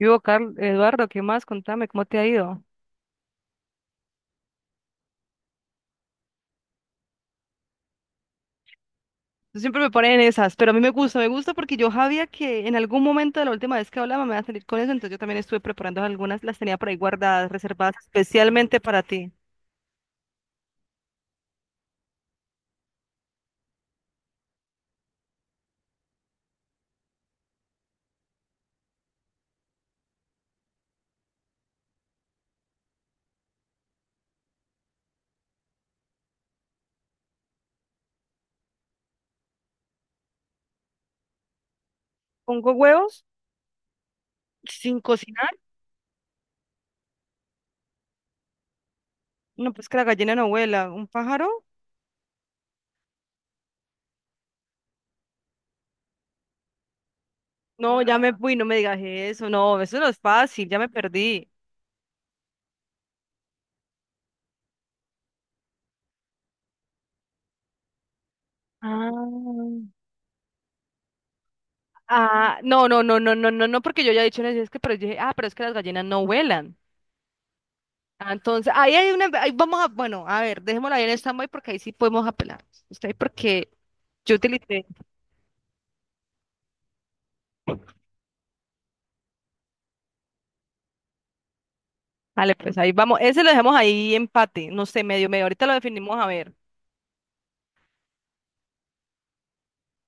Yo, Carl, Eduardo, ¿qué más? Contame, ¿cómo te ha ido? Tú siempre me ponen en esas, pero a mí me gusta porque yo sabía que en algún momento de la última vez que hablaba me iba a salir con eso. Entonces yo también estuve preparando algunas, las tenía por ahí guardadas, reservadas especialmente para ti. ¿Pongo huevos? ¿Sin cocinar? No, pues que la gallina no vuela. ¿Un pájaro? No, ya me fui, no me digas eso no es fácil, ya me perdí. Ah. Ah, no, no, no, no, no, no, no, porque yo ya he dicho en eso, es que, pero yo dije, ah, pero es que las gallinas no vuelan. Ah, entonces, ahí hay una, ahí vamos a, bueno, a ver, dejémosla ahí en stand-by porque ahí sí podemos apelar. Usted, porque yo utilicé. Vale, pues ahí vamos. Ese lo dejamos ahí empate, no sé, medio, medio. Ahorita lo definimos, a ver.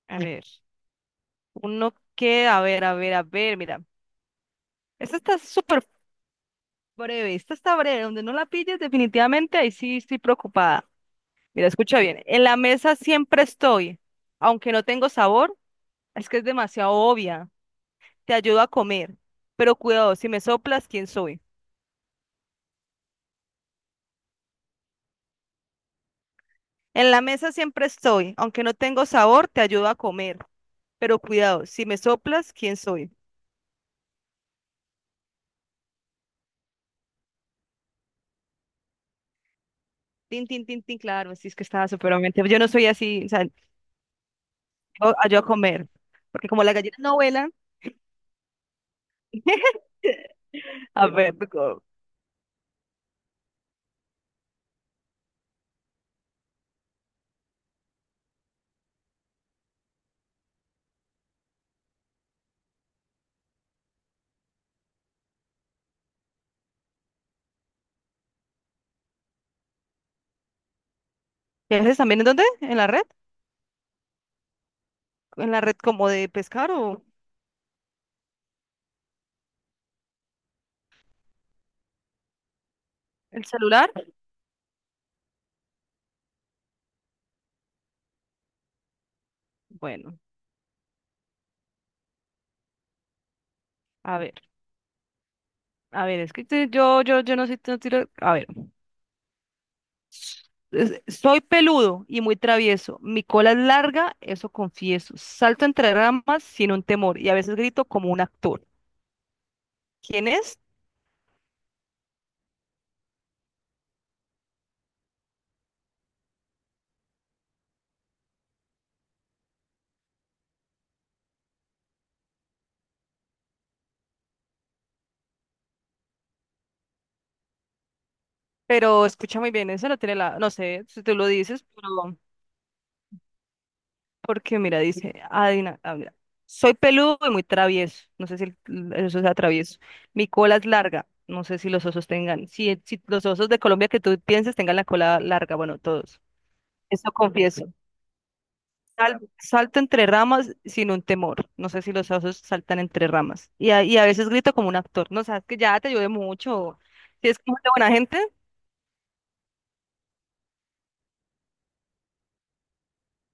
A ver. Uno que, a ver, a ver, a ver, mira. Esta está súper breve, esta está breve. Donde no la pilles, definitivamente ahí sí estoy preocupada. Mira, escucha bien. En la mesa siempre estoy, aunque no tengo sabor. Es que es demasiado obvia. Te ayudo a comer, pero cuidado, si me soplas, ¿quién soy? En la mesa siempre estoy, aunque no tengo sabor, te ayudo a comer. Pero cuidado, si me soplas, ¿quién soy? Tin, tin, tin, tin, claro, sí, es que estaba superamente. Yo no soy así, o sea, yo ayudo a comer. Porque como las gallinas no vuelan, a ver, tú co- ¿qué haces también en dónde? ¿En la red? ¿En la red como de pescar o el celular? Bueno, a ver, a ver, es que te- yo no soy tan tiro- A ver. Es- Soy peludo y muy travieso. Mi cola es larga, eso confieso. Salto entre ramas sin un temor y a veces grito como un actor. ¿Quién es? Pero escucha muy bien, eso no tiene la... No sé si tú lo dices, pero... Porque mira, dice... adivina- ah, mira. Soy peludo y muy travieso. No sé si el- el oso sea travieso. Mi cola es larga. No sé si los osos tengan... Si, si los osos de Colombia que tú pienses tengan la cola larga. Bueno, todos. Eso confieso. Sal- salto entre ramas sin un temor. No sé si los osos saltan entre ramas. Y a veces grito como un actor. No, sabes que ya te ayudé mucho. Si es como de buena gente.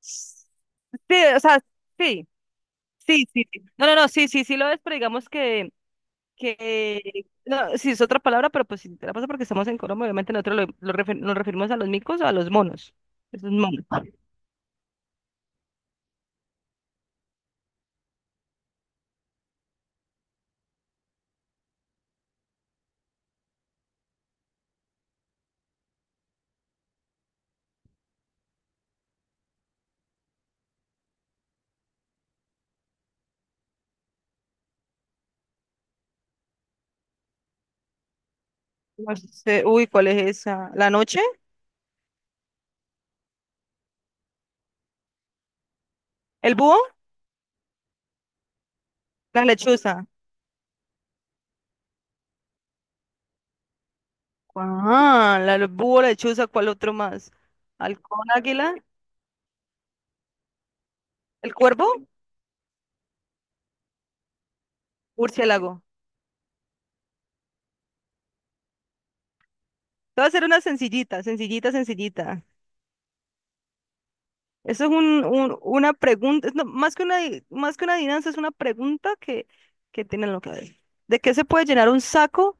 Sí, o sea, sí, sí, sí. Sí. No, no, no, sí, sí, sí lo es, pero digamos que no, sí es otra palabra, pero pues si te la paso porque estamos en Colombia, obviamente nosotros lo refer- nos referimos a los micos o a los monos. Esos monos. No sé, uy, ¿cuál es esa? ¿La noche? ¿El búho? La lechuza. Ah, la lo- búho, la lechuza, ¿cuál otro más? Halcón, águila, el cuervo, murciélago. Te voy a hacer una sencillita, sencillita, sencillita. Eso es un- una pregunta, es no, más que una, di- más que una adivinanza, es una pregunta que tienen lo que ver. ¿De qué se puede llenar un saco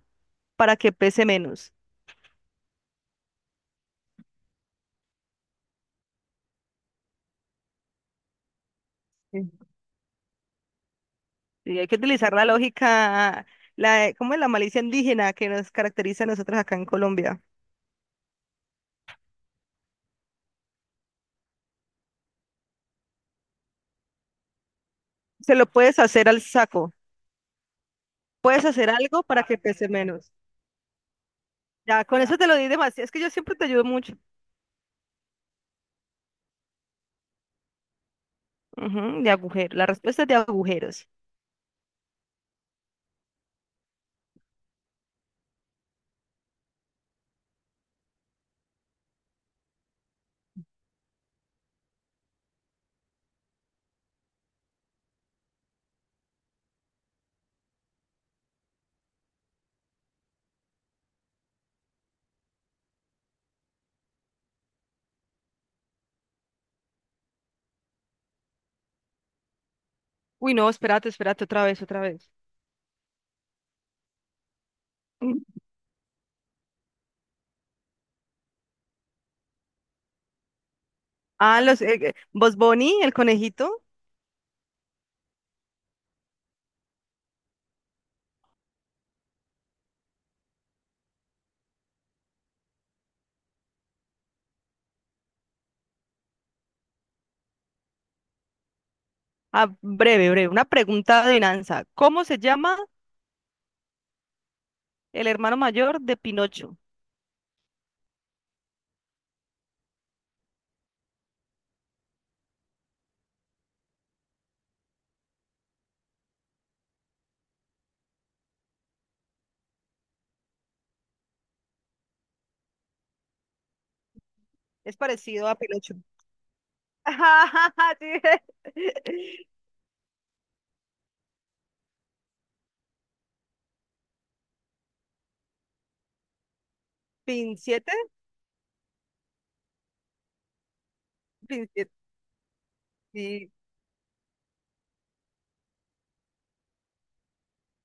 para que pese menos? Sí. Y hay que utilizar la lógica, la, ¿cómo es la malicia indígena que nos caracteriza a nosotros acá en Colombia? Se lo puedes hacer al saco. Puedes hacer algo para que pese menos. Ya, con eso te lo di demasiado. Es que yo siempre te ayudo mucho. Ujú, de agujero. La respuesta es de agujeros. Uy, no, espérate, espérate, otra vez, otra vez. Mm. Ah, los, Bugs Bunny, el conejito. Ah, breve, breve. Una pregunta de adivinanza. ¿Cómo se llama el hermano mayor de Pinocho? Es parecido a Pinocho. Sí. ¿Pin siete? ¿Pin siete? Sí,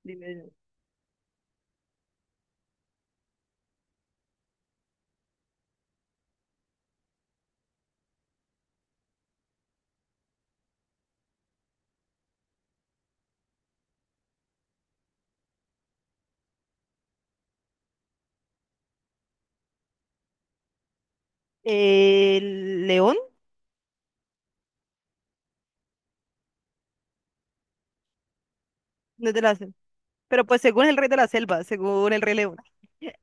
dime. ¿El león? No es de la selva. Pero pues según el rey de la selva, según el rey león.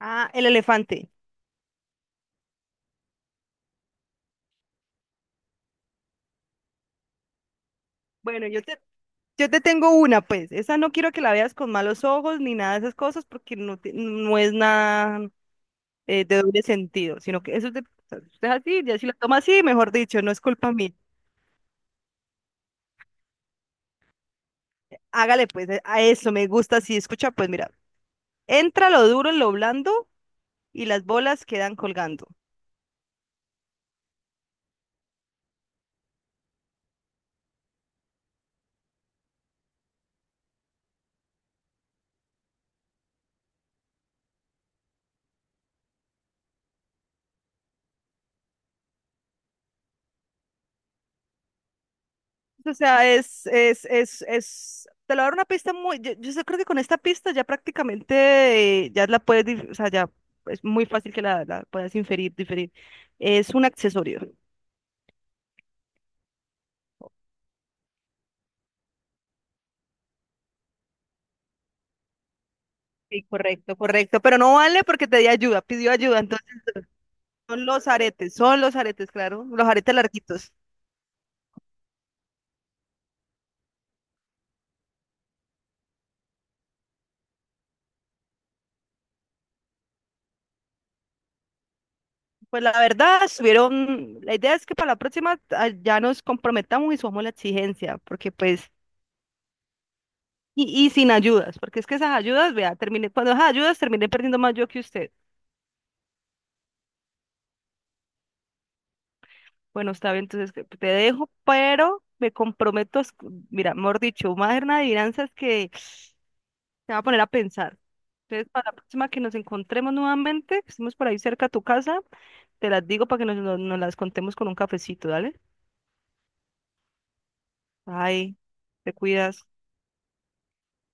Ah, el elefante. Bueno, yo te tengo una, pues. Esa no quiero que la veas con malos ojos ni nada de esas cosas porque no, te- no es nada de doble sentido, sino que eso es de- o sea, si usted es así, ya si lo toma así, mejor dicho, no es culpa mía. Hágale, pues, a eso me gusta así. Escucha, pues, mira, entra lo duro en lo blando y las bolas quedan colgando. O sea, es, te lo voy dar una pista muy, yo sé- creo que con esta pista ya prácticamente ya la puedes, dif- o sea, ya es muy fácil que la puedas inferir, diferir. Es un accesorio. Sí, correcto, correcto, pero no vale porque te di ayuda, pidió ayuda, entonces son los aretes, claro, los aretes larguitos. Pues la verdad, estuvieron, la idea es que para la próxima ah, ya nos comprometamos y subamos la exigencia, porque pues y sin ayudas, porque es que esas ayudas, vea, terminé, cuando esas ayudas terminé perdiendo más yo que usted. Bueno, está bien, entonces que- te dejo, pero me comprometo, a escu- mira, mejor dicho, una adivinanza es que te va a poner a pensar. Entonces, para la próxima que nos encontremos nuevamente, que estemos por ahí cerca a tu casa, te las digo para que nos las contemos con un cafecito, ¿dale? Ay, te cuidas.